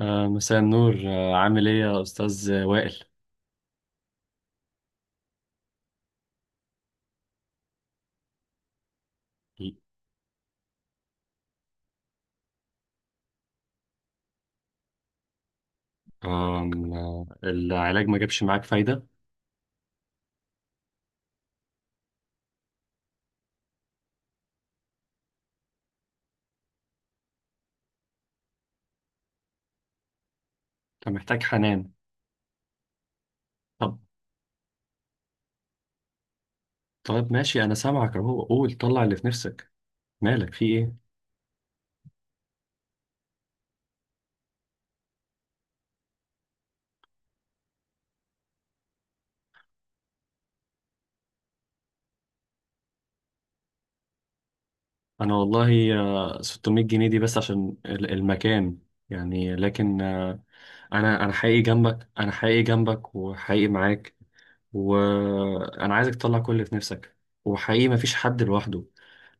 مساء النور، عامل ايه يا استاذ وائل؟ آم، آه، العلاج ما جابش معاك فايده. انت محتاج حنان. طب. طيب ماشي، انا سامعك اهو، قول طلع اللي في نفسك. مالك، في ايه؟ انا والله، 600 جنيه دي بس عشان المكان، يعني لكن انا حقيقي جنبك، انا حقيقي جنبك وحقيقي معاك. وانا عايزك تطلع كل اللي في نفسك. وحقيقي مفيش حد لوحده،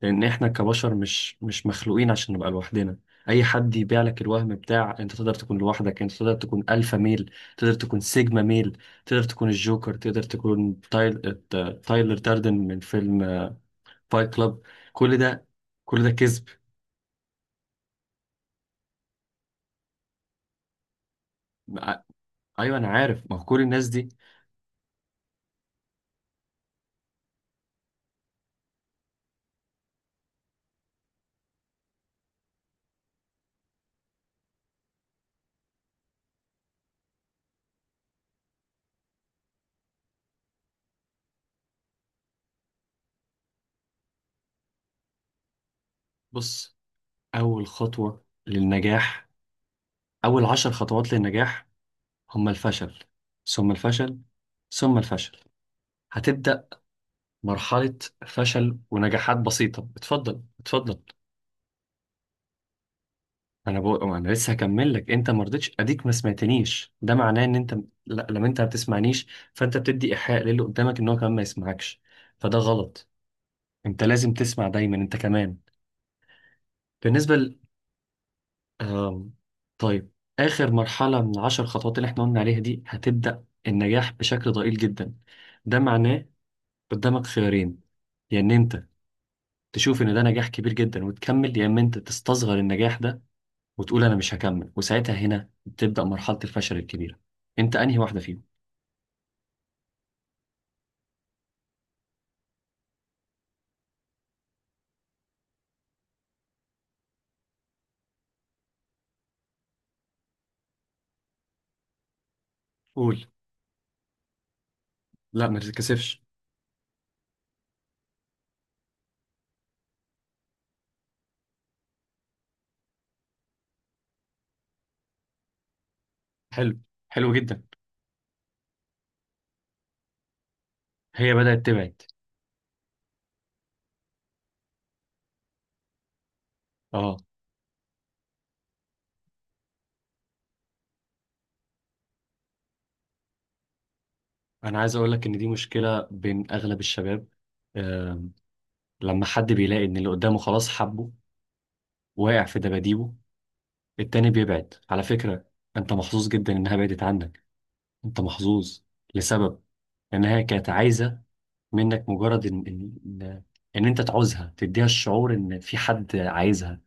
لان احنا كبشر مش مخلوقين عشان نبقى لوحدنا. اي حد يبيع لك الوهم بتاع انت تقدر تكون لوحدك، انت تقدر تكون الفا ميل، تقدر تكون سيجما ميل، تقدر تكون الجوكر، تقدر تكون تايلر داردن من فيلم فايت كلاب. كل ده كل ده كذب. ع- ايوه انا عارف، ما هو كل الناس دي. بص، اول خطوة للنجاح، اول عشر خطوات للنجاح، هم الفشل، ثم الفشل، ثم الفشل. هتبدأ مرحلة فشل ونجاحات بسيطة. اتفضل، اتفضل. انا بقول انا لسه هكمل لك، انت ما رضيتش اديك، ما سمعتنيش، ده معناه ان انت... لا، لما انت ما بتسمعنيش، فانت بتدي ايحاء للي قدامك ان هو كمان ما يسمعكش، فده غلط. انت لازم تسمع دايما انت كمان. بالنسبة ل... آم... طيب، اخر مرحلة من العشر خطوات اللي احنا قلنا عليها دي، هتبدأ النجاح بشكل ضئيل جدا. ده معناه قدامك خيارين، يا ان انت تشوف ان ده نجاح كبير جدا وتكمل، يا اما انت تستصغر النجاح ده وتقول انا مش هكمل، وساعتها هنا تبدأ مرحلة الفشل الكبيرة. انت انهي واحدة فيهم؟ قول، لا ما تتكسفش. حلو، حلو جدا. هي بدأت تبعد. اه، انا عايز اقول لك ان دي مشكلة بين اغلب الشباب. آه لما حد بيلاقي ان اللي قدامه خلاص حبه، واقع في دباديبه، التاني بيبعد على فكرة. انت محظوظ جدا انها بعدت عنك، انت محظوظ، لسبب انها كانت عايزة منك مجرد ان ان، إن انت تعوزها، تديها الشعور ان في حد عايزها.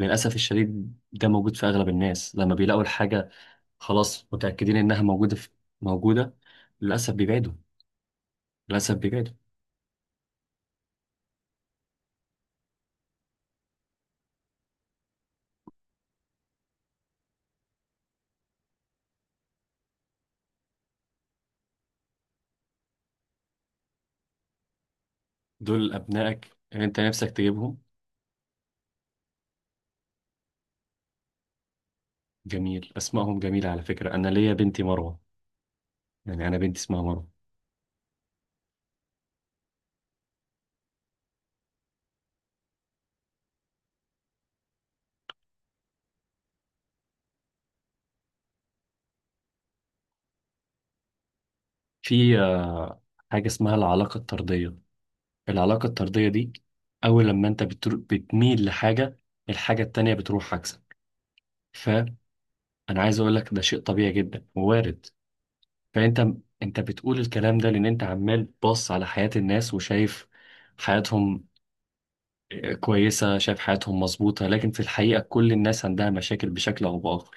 للاسف الشديد ده موجود في اغلب الناس، لما بيلاقوا الحاجه خلاص متاكدين انها موجوده في... موجوده، للاسف بيبعدوا، للاسف بيبعدوا. دول ابنائك اللي انت نفسك تجيبهم. جميل، اسمائهم جميله على فكره، انا ليا بنتي مروه، يعني انا بنتي اسمها مروه. في حاجه اسمها العلاقه الطرديه. العلاقه الطرديه دي، اول لما انت بتميل لحاجه، الحاجه التانيه بتروح عكسك. انا عايز اقول لك ده شيء طبيعي جدا ووارد. فانت انت بتقول الكلام ده لان انت عمال باص على حياة الناس وشايف حياتهم كويسة، شايف حياتهم مظبوطة، لكن في الحقيقة كل الناس عندها مشاكل بشكل او باخر.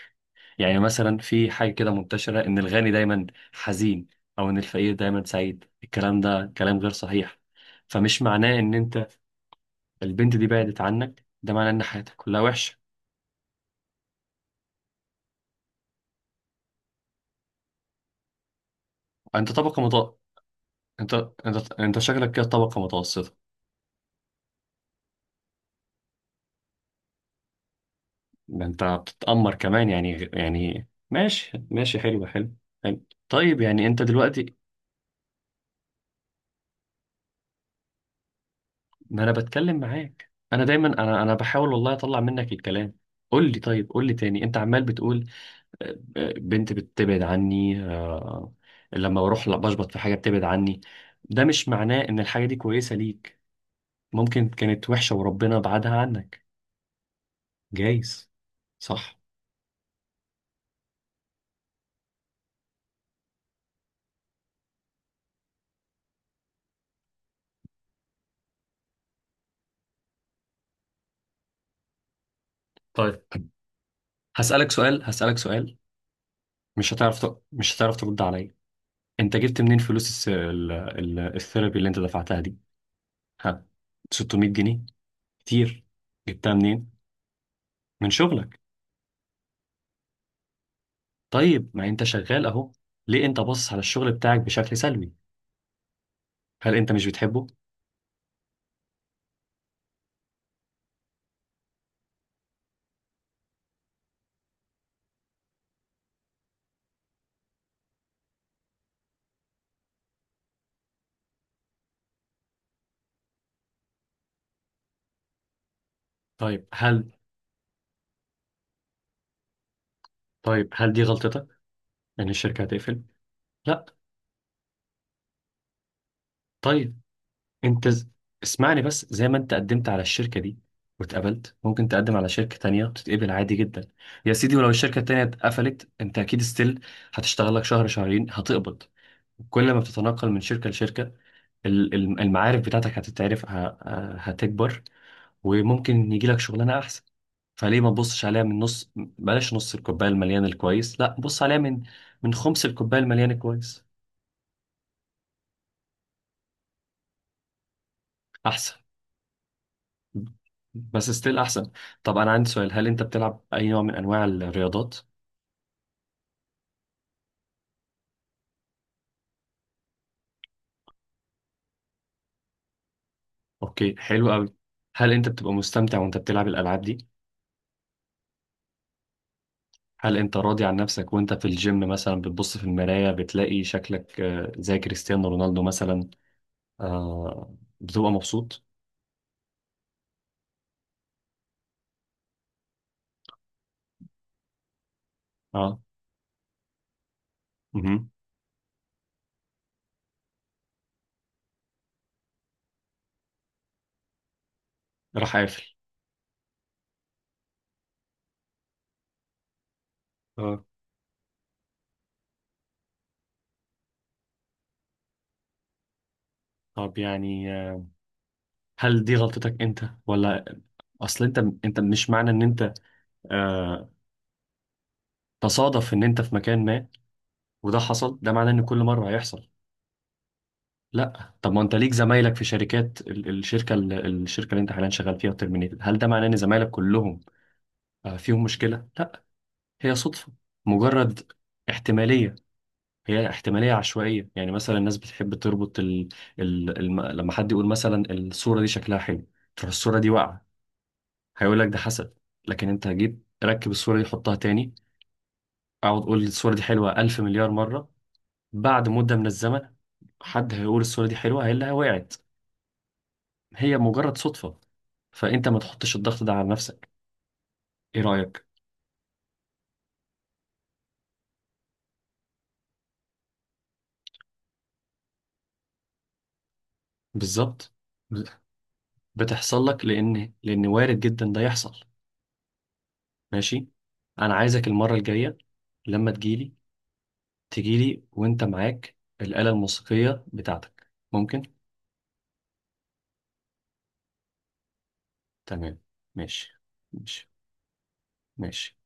يعني مثلا في حاجة كده منتشرة ان الغني دايما حزين، او ان الفقير دايما سعيد. الكلام ده كلام غير صحيح. فمش معناه ان انت... البنت دي بعدت عنك، ده معناه ان حياتك كلها وحشة. انت طبقة متوسطة، انت انت شكلك كده طبقة متوسطة. ده انت بتتأمر كمان يعني، ماشي ماشي، حلو حلو، حلو. طيب يعني انت دلوقتي... ما انا بتكلم معاك، انا دايما، انا بحاول والله اطلع منك الكلام. قول لي، طيب قول لي تاني، انت عمال بتقول بنت بتبعد عني، لما بروح لا بشبط في حاجة بتبعد عني. ده مش معناه ان الحاجة دي كويسة ليك، ممكن كانت وحشة وربنا بعدها عنك، جايز، صح. طيب هسألك سؤال، هسألك سؤال. مش هتعرف ترد عليا. انت جبت منين فلوس الثيرابي اللي انت دفعتها دي؟ ها؟ 600 جنيه كتير. جبتها منين؟ من شغلك. طيب ما انت شغال اهو، ليه انت باصص على الشغل بتاعك بشكل سلبي؟ هل انت مش بتحبه؟ طيب هل طيب هل دي غلطتك ان الشركة هتقفل؟ لا. طيب، انت ز... اسمعني بس، زي ما انت قدمت على الشركة دي واتقبلت، ممكن تقدم على شركة تانية وتتقبل عادي جدا. يا سيدي، ولو الشركة التانية اتقفلت انت اكيد ستيل هتشتغل لك شهر شهرين، هتقبض. كل ما بتتنقل من شركة لشركة، المعارف بتاعتك هتتعرف، هتكبر، وممكن يجي لك شغلانة أحسن. فليه ما تبصش عليها من نص؟ بلاش نص الكوباية المليان الكويس، لا بص عليها من من خمس الكوباية المليان الكويس. أحسن، بس ستيل أحسن. طب أنا عندي سؤال، هل أنت بتلعب أي نوع من أنواع الرياضات؟ أوكي، حلو أوي. هل أنت بتبقى مستمتع وأنت بتلعب الألعاب دي؟ هل أنت راضي عن نفسك وأنت في الجيم مثلا، بتبص في المراية بتلاقي شكلك زي كريستيانو رونالدو مثلا؟ آه، بتبقى مبسوط؟ اه. مهم. راح قافل. اه، طب يعني هل دي غلطتك انت؟ ولا اصل انت... انت، مش معنى ان انت آه تصادف ان انت في مكان ما وده حصل، ده معناه ان كل مره هيحصل. لا، طب ما انت ليك زمايلك في شركات، الشركه الشركه اللي انت حاليا شغال فيها وترمينيتد، هل ده معناه ان زمايلك كلهم فيهم مشكله؟ لا، هي صدفه، مجرد احتماليه. هي احتمالية عشوائية. يعني مثلا الناس بتحب تربط لما حد يقول مثلا الصورة دي شكلها حلو، تروح الصورة دي واقعة، هيقول لك ده حسد. لكن انت جيت ركب الصورة دي، حطها تاني، اقعد قول الصورة دي حلوة ألف مليار مرة، بعد مدة من الزمن حد هيقول الصورة دي حلوة هي اللي وقعت. هي مجرد صدفة. فانت ما تحطش الضغط ده على نفسك. ايه رأيك؟ بالظبط. ب- بتحصل لك لان وارد جدا ده يحصل. ماشي. انا عايزك المرة الجاية لما تجيلي، تجيلي وانت معاك الآلة الموسيقية بتاعتك، ممكن؟ تمام. ماشي. ماشي، ماشي.